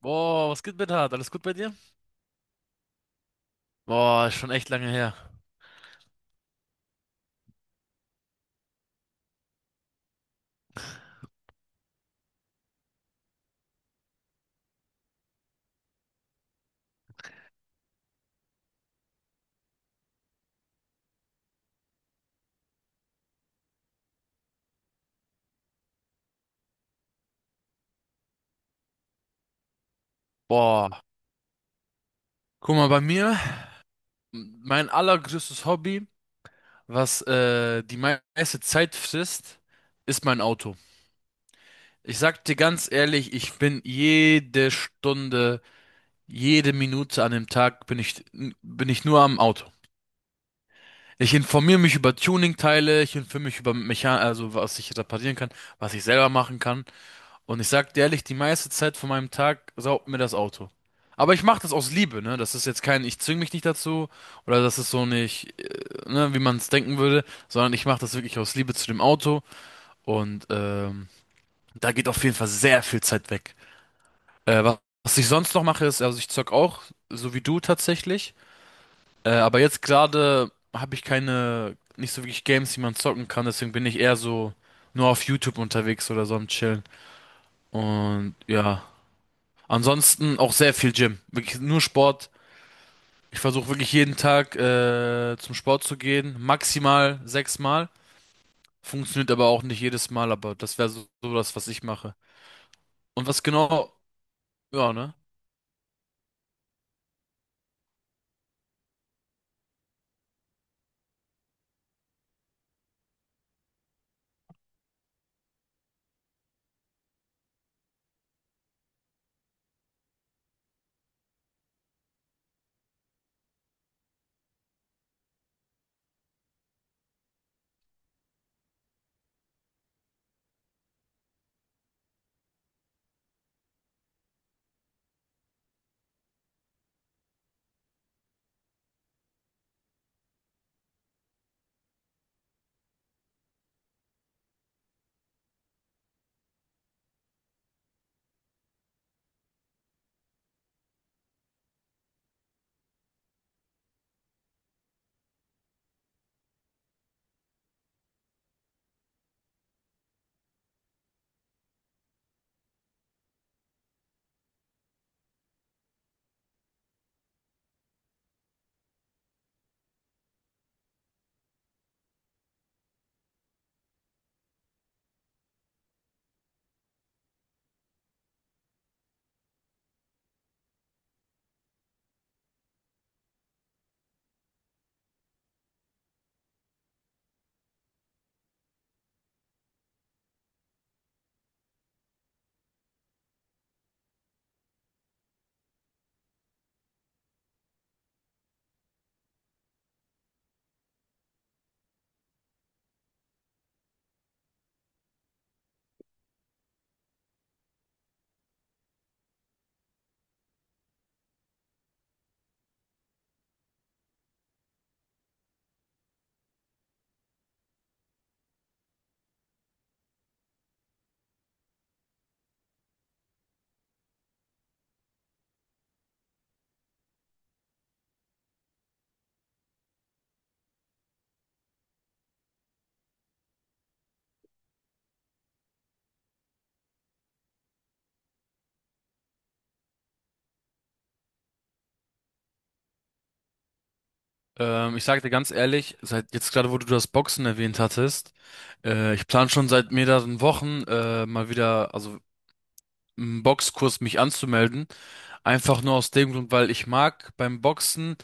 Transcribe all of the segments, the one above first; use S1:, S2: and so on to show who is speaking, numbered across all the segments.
S1: Boah, was geht mit Hart? Alles gut bei dir? Boah, ist schon echt lange her. Boah. Guck mal, bei mir, mein allergrößtes Hobby, was die meiste Zeit frisst, ist mein Auto. Ich sag dir ganz ehrlich, ich bin jede Stunde, jede Minute an dem Tag bin ich nur am Auto. Ich informiere mich über Tuning-Teile, ich informiere mich über Mechan, also was ich reparieren kann, was ich selber machen kann. Und ich sag dir ehrlich, die meiste Zeit von meinem Tag saugt mir das Auto. Aber ich mache das aus Liebe, ne? Das ist jetzt kein, ich zwing mich nicht dazu oder das ist so nicht, ne, wie man es denken würde, sondern ich mache das wirklich aus Liebe zu dem Auto und da geht auf jeden Fall sehr viel Zeit weg. Was ich sonst noch mache, ist, also ich zock auch, so wie du tatsächlich, aber jetzt gerade habe ich keine, nicht so wirklich Games, die man zocken kann, deswegen bin ich eher so nur auf YouTube unterwegs oder so am Chillen. Und ja. Ansonsten auch sehr viel Gym. Wirklich nur Sport. Ich versuche wirklich jeden Tag zum Sport zu gehen. Maximal sechsmal. Funktioniert aber auch nicht jedes Mal, aber das wäre so, so das, was ich mache. Und was genau, ja, ne? Ich sag dir ganz ehrlich, seit jetzt gerade, wo du das Boxen erwähnt hattest, ich plane schon seit mehreren Wochen mal wieder, also einen Boxkurs mich anzumelden. Einfach nur aus dem Grund, weil ich mag beim Boxen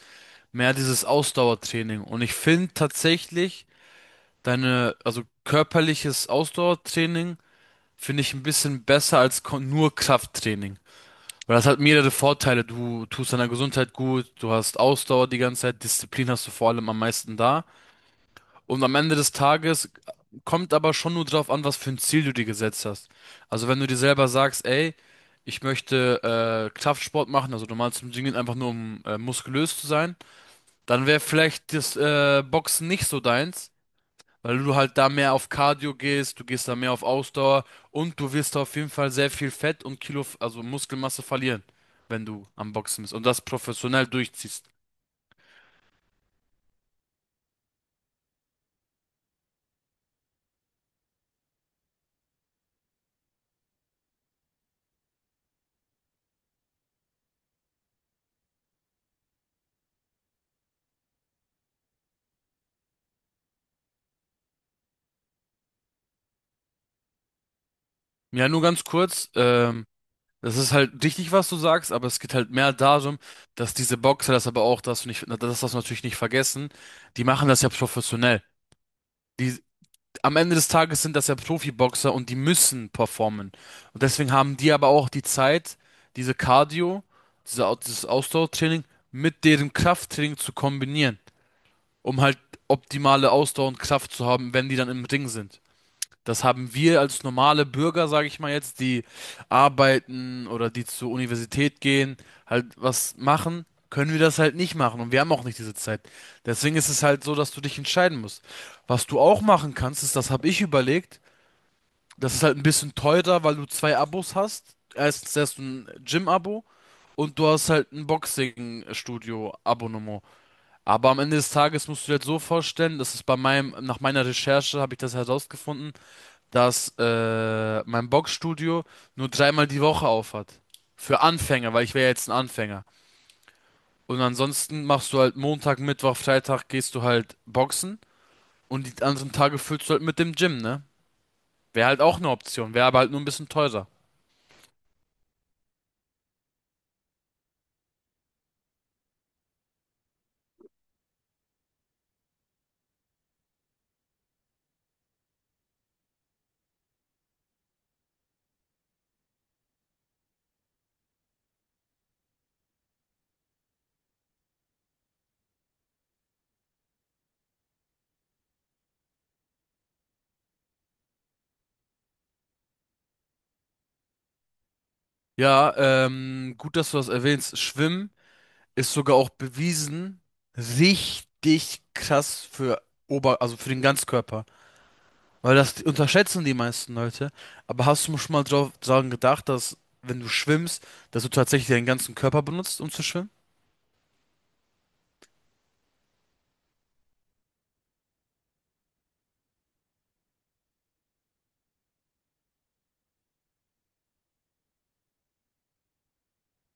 S1: mehr dieses Ausdauertraining. Und ich finde tatsächlich, deine, also körperliches Ausdauertraining finde ich ein bisschen besser als nur Krafttraining. Weil das hat mehrere Vorteile. Du tust deiner Gesundheit gut, du hast Ausdauer die ganze Zeit, Disziplin hast du vor allem am meisten da. Und am Ende des Tages kommt aber schon nur drauf an, was für ein Ziel du dir gesetzt hast. Also wenn du dir selber sagst, ey, ich möchte Kraftsport machen, also normal zum Gym gehen, einfach nur um muskulös zu sein, dann wäre vielleicht das Boxen nicht so deins. Weil du halt da mehr auf Cardio gehst, du gehst da mehr auf Ausdauer und du wirst auf jeden Fall sehr viel Fett und Kilo, also Muskelmasse verlieren, wenn du am Boxen bist und das professionell durchziehst. Ja, nur ganz kurz, das ist halt richtig, was du sagst, aber es geht halt mehr darum, dass diese Boxer das aber auch, dass du nicht, das darfst du natürlich nicht vergessen, die machen das ja professionell. Die am Ende des Tages sind das ja Profiboxer und die müssen performen. Und deswegen haben die aber auch die Zeit, diese Cardio, diese, dieses Ausdauertraining mit deren Krafttraining zu kombinieren, um halt optimale Ausdauer und Kraft zu haben, wenn die dann im Ring sind. Das haben wir als normale Bürger, sage ich mal jetzt, die arbeiten oder die zur Universität gehen, halt was machen, können wir das halt nicht machen und wir haben auch nicht diese Zeit. Deswegen ist es halt so, dass du dich entscheiden musst. Was du auch machen kannst, ist, das habe ich überlegt, das ist halt ein bisschen teurer, weil du zwei Abos hast. Erstens hast du ein Gym-Abo und du hast halt ein Boxing-Studio-Abonnement. Aber am Ende des Tages musst du dir halt so vorstellen, das ist bei meinem, nach meiner Recherche habe ich das herausgefunden, dass mein Boxstudio nur dreimal die Woche auf hat. Für Anfänger, weil ich wäre jetzt ein Anfänger. Und ansonsten machst du halt Montag, Mittwoch, Freitag gehst du halt boxen und die anderen Tage füllst du halt mit dem Gym, ne? Wäre halt auch eine Option, wäre aber halt nur ein bisschen teurer. Ja, gut, dass du das erwähnst. Schwimmen ist sogar auch bewiesen richtig krass für Ober, also für den Ganzkörper. Weil das unterschätzen die meisten Leute. Aber hast du schon mal drauf dran gedacht, dass wenn du schwimmst, dass du tatsächlich deinen ganzen Körper benutzt, um zu schwimmen?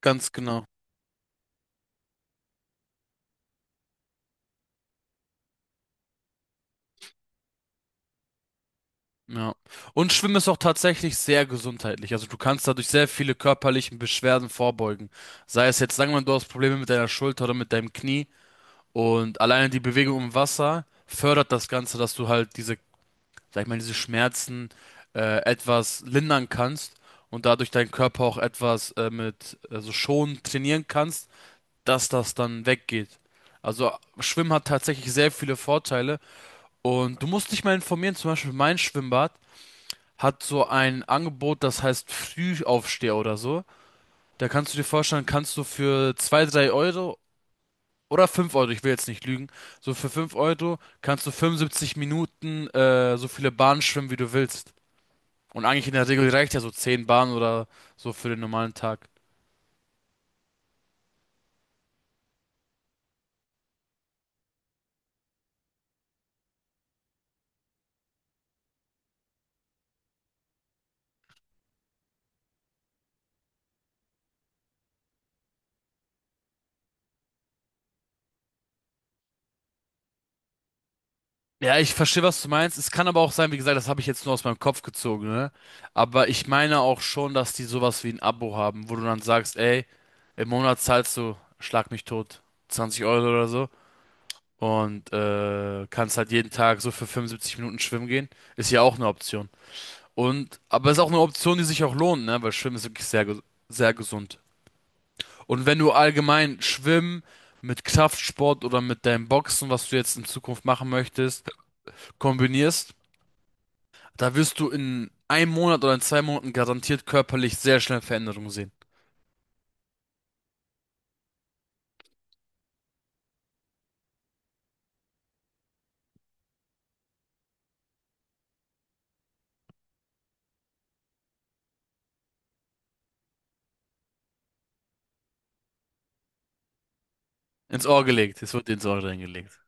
S1: Ganz genau. Ja. Und Schwimmen ist auch tatsächlich sehr gesundheitlich. Also du kannst dadurch sehr viele körperlichen Beschwerden vorbeugen. Sei es jetzt, sagen wir mal, du hast Probleme mit deiner Schulter oder mit deinem Knie. Und alleine die Bewegung im Wasser fördert das Ganze, dass du halt diese sag ich mal, diese Schmerzen etwas lindern kannst und dadurch deinen Körper auch etwas mit also schon trainieren kannst, dass das dann weggeht. Also Schwimmen hat tatsächlich sehr viele Vorteile und du musst dich mal informieren, zum Beispiel mein Schwimmbad hat so ein Angebot, das heißt Frühaufsteher oder so. Da kannst du dir vorstellen, kannst du für 2 3 Euro oder 5 Euro, ich will jetzt nicht lügen, so für 5 Euro kannst du 75 Minuten so viele Bahnen schwimmen, wie du willst. Und eigentlich in der Regel reicht ja so 10 Bahnen oder so für den normalen Tag. Ja, ich verstehe, was du meinst. Es kann aber auch sein, wie gesagt, das habe ich jetzt nur aus meinem Kopf gezogen, ne? Aber ich meine auch schon, dass die sowas wie ein Abo haben, wo du dann sagst, ey, im Monat zahlst du, schlag mich tot, 20 Euro oder so. Und kannst halt jeden Tag so für 75 Minuten schwimmen gehen. Ist ja auch eine Option. Und, aber ist auch eine Option, die sich auch lohnt, ne? Weil Schwimmen ist wirklich sehr, sehr gesund. Und wenn du allgemein schwimmen mit Kraftsport oder mit deinem Boxen, was du jetzt in Zukunft machen möchtest, kombinierst, da wirst du in einem Monat oder in zwei Monaten garantiert körperlich sehr schnell Veränderungen sehen. Ins Ohr gelegt. Es wird dir ins Ohr reingelegt.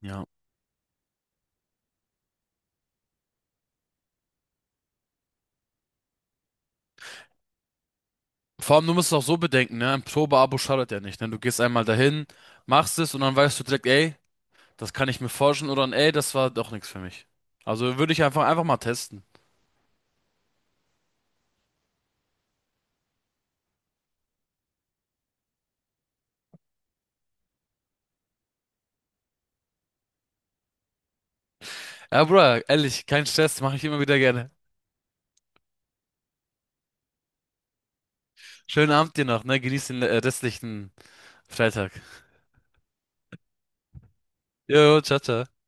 S1: Ja. Vor allem, du musst es auch so bedenken, ne? Ein Probeabo schadet ja nicht, ne? Du gehst einmal dahin, machst es und dann weißt du direkt, ey, das kann ich mir forschen oder ey, das war doch nichts für mich. Also würde ich einfach mal testen. Ja, Bruder, ehrlich, kein Stress, mache ich immer wieder gerne. Schönen Abend dir noch, ne? Genieß den restlichen Freitag. Jo, ciao, ciao.